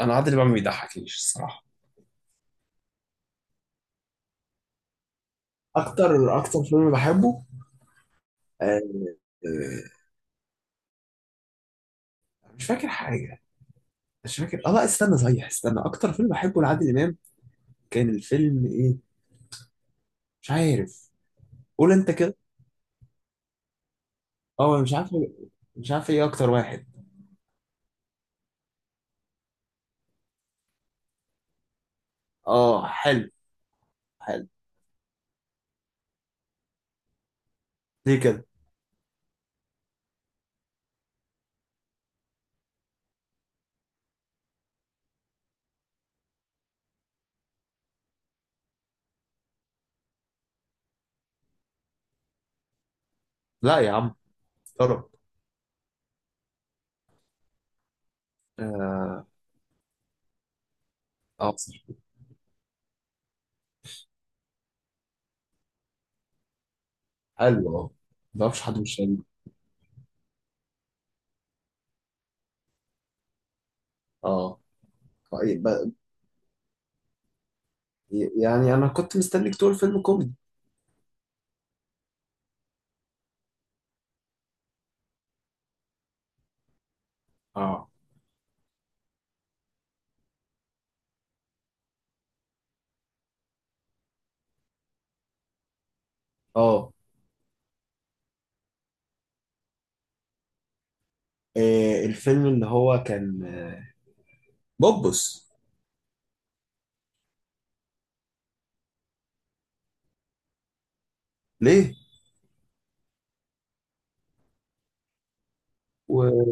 انا عادل امام ما بيضحكنيش الصراحه. اكتر فيلم بحبه. آه، آه، مش فاكر حاجه. مش فاكر اه لا، استنى صحيح، استنى، اكتر فيلم بحبه لعادل امام كان الفيلم ايه؟ مش عارف. قول انت كده. اه أنا مش عارف، مش عارف ايه اكتر واحد. اه حلو، حلو. ليه كده؟ لا يا عم، طرب. اه، آه، صح. حلو اه. ما بعرفش حد مش حلو. اه طيب، يعني انا كنت مستنيك تقول فيلم كوميدي. اه. اه الفيلم اللي هو كان بوبس. ليه؟ و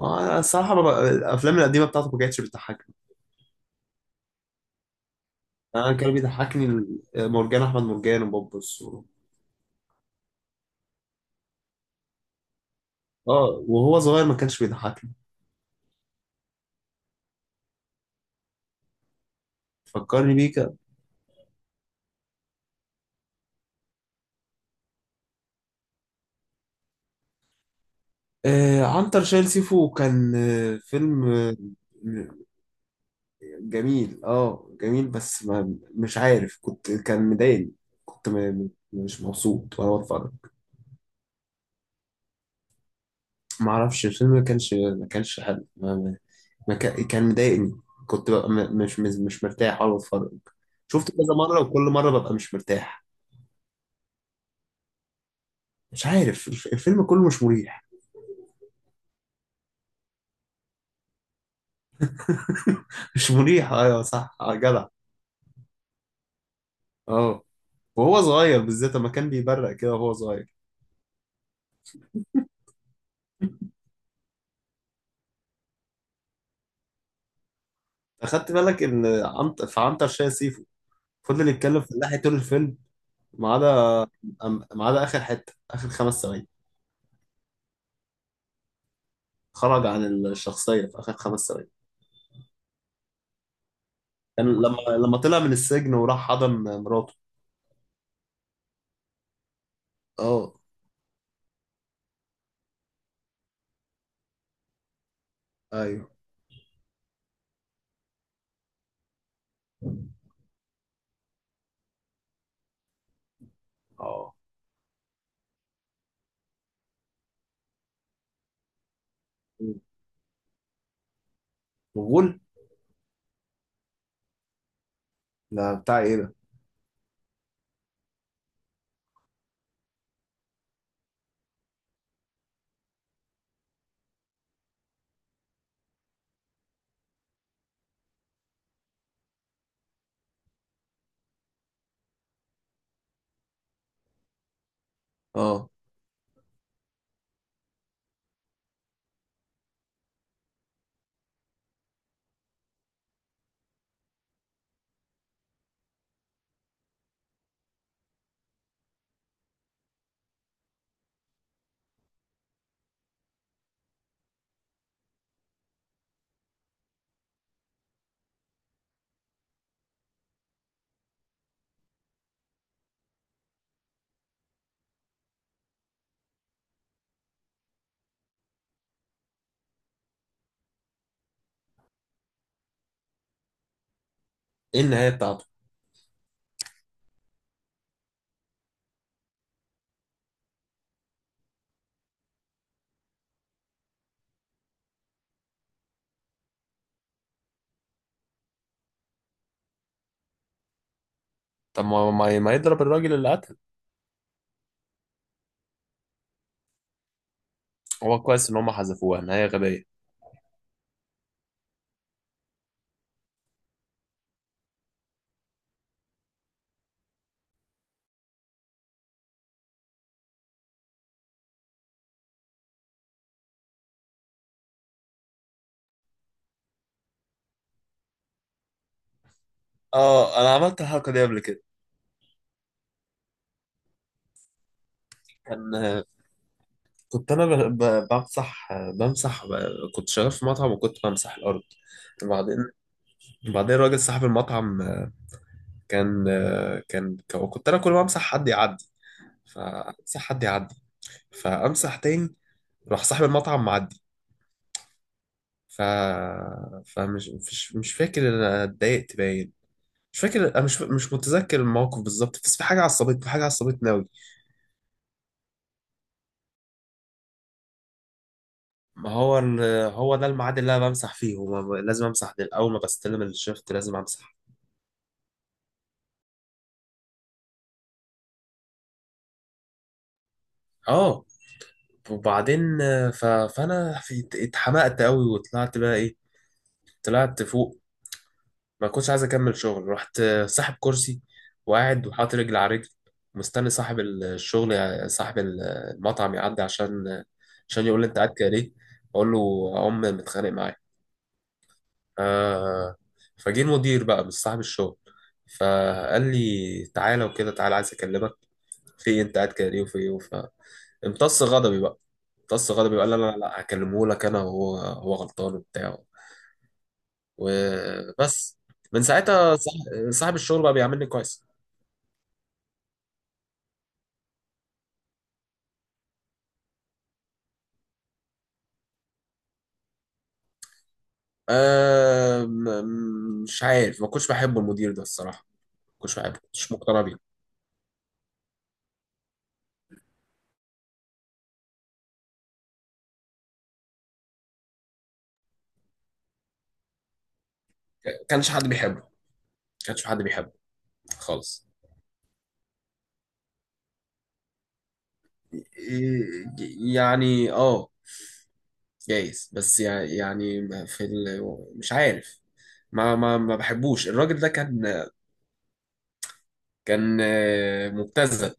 الصراحة الأفلام القديمة بتاعته ما كانتش بتضحكني. أنا كان بيضحكني مرجان أحمد مرجان وبوبس و... آه وهو صغير ما كانش بيضحكني. فكرني بيه كده. آه عنتر شايل سيفو كان آه فيلم جميل آه جميل، بس ما مش عارف، كنت كان مضايقني. كنت مش مبسوط وأنا بتفرج. ما أعرفش الفيلم، ما كانش حلو. ما كا- كان مضايقني. كنت ببقى مش مرتاح وانا بتفرج. شفته كذا مرة وكل مرة ببقى مش مرتاح. مش عارف، الفيلم كله مش مريح. مش مريح ايوه صح، آه، جدع. اه وهو صغير بالذات لما كان بيبرق كده وهو صغير. اخدت بالك ان عنت في عنتر شاي سيفو فضل يتكلم في اللحية طول الفيلم، ما عدا ما عدا اخر حتة، اخر 5 ثواني. خرج عن الشخصية في اخر 5 ثواني. كان لما، لما طلع من السجن وراح حضن مراته. اه. ايوه. اه غول؟ ده بتاع ايه ده؟ اه ايه النهايه بتاعته؟ طب ما ما يضرب الراجل اللي قتل؟ هو كويس ان هم حذفوها، نهايه غبيه. اه انا عملت الحركه دي قبل كده. كان، كنت انا بمسح. بمسح كنت شغال في مطعم وكنت بمسح الارض. وبعدين، بعدين راجل صاحب المطعم، كان كان، كنت انا كل ما امسح حد يعدي، فامسح حد يعدي، فامسح تاني. راح صاحب المطعم معدي. ف فمش مش مش فاكر إن انا اتضايقت باين. مش فاكر، انا مش متذكر الموقف بالظبط، بس في حاجه عصبتني، في حاجه عصبتني قوي. ما هو هو ده الميعاد اللي انا بمسح فيه. هو لازم امسح ده، اول ما بستلم الشفت لازم امسح. اه وبعدين فانا اتحمقت قوي وطلعت بقى ايه، طلعت فوق. ما كنتش عايز اكمل شغل، رحت ساحب كرسي وقاعد وحاطط رجل على رجل، مستني صاحب الشغل صاحب المطعم يعدي، عشان، عشان يقول لي انت قاعد كده ليه. اقول له ام متخانق معايا. آه. فجه المدير بقى، مش صاحب الشغل، فقال لي تعالى، وكده، تعالى عايز اكلمك. في إيه؟ انت قاعد كده ليه وفي ايه امتص غضبي بقى. امتص غضبي وقال لا لا لا هكلمه لك انا، وهو هو غلطان وبتاع. وبس، من ساعتها صاحب الشغل بقى بيعاملني كويس. أه مش عارف، ما كنتش بحب المدير ده الصراحه. ما كنتش بحبه، ما كنتش مقتنع بيه. ما كانش حد بيحبه، ما كانش حد بيحبه. خالص. إيه- يعني اه جايز، بس يعني في مش عارف، ما بحبوش الراجل ده. كان، كان مبتذل.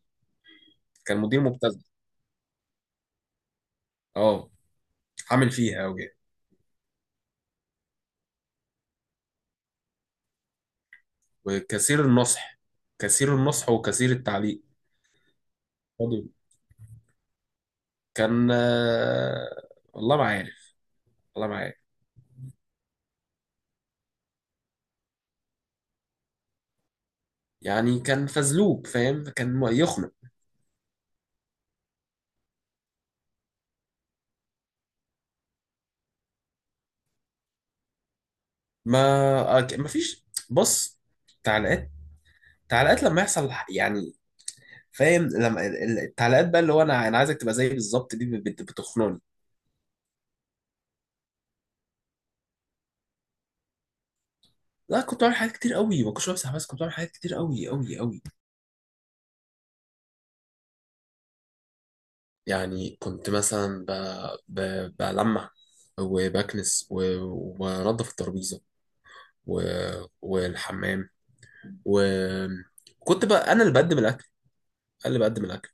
كان مدير مبتذل. اه، عامل فيها قوي. وكثير النصح، كثير النصح وكثير التعليق. فاضي. كان آه، والله ما عارف، والله ما عارف. يعني كان فزلوب فاهم، كان يخنق. ما فيش، بص، تعليقات، تعليقات لما يحصل يعني فاهم، لما التعليقات بقى اللي هو انا، انا عايزك تبقى زيي بالظبط دي بتخنقني. لا كنت بعمل حاجات كتير قوي، ما كنتش بمسح بس، كنت بعمل حاجات كتير قوي قوي قوي. يعني كنت مثلا ب... بلمع وبكنس و... وبنضف الترابيزه و... والحمام، وكنت بقى انا اللي بقدم الاكل، انا اللي بقدم الاكل.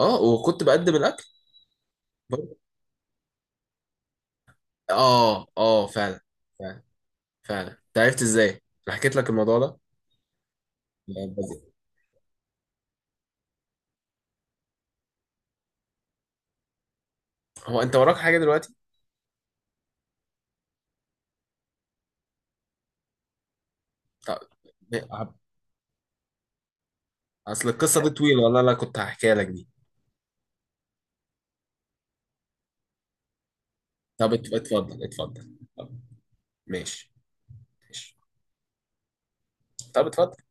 اه وكنت بقدم الاكل برضه. اه اه فعلا. فعلا، فعلا انت عرفت ازاي؟ انا حكيت لك الموضوع ده؟ بس- هو انت وراك حاجه دلوقتي؟ طب اصل القصه دي طويله، والله انا كنت هحكيها لك دي. طب اتفضل اتفضل. ماشي. ماشي. طب اتفضل.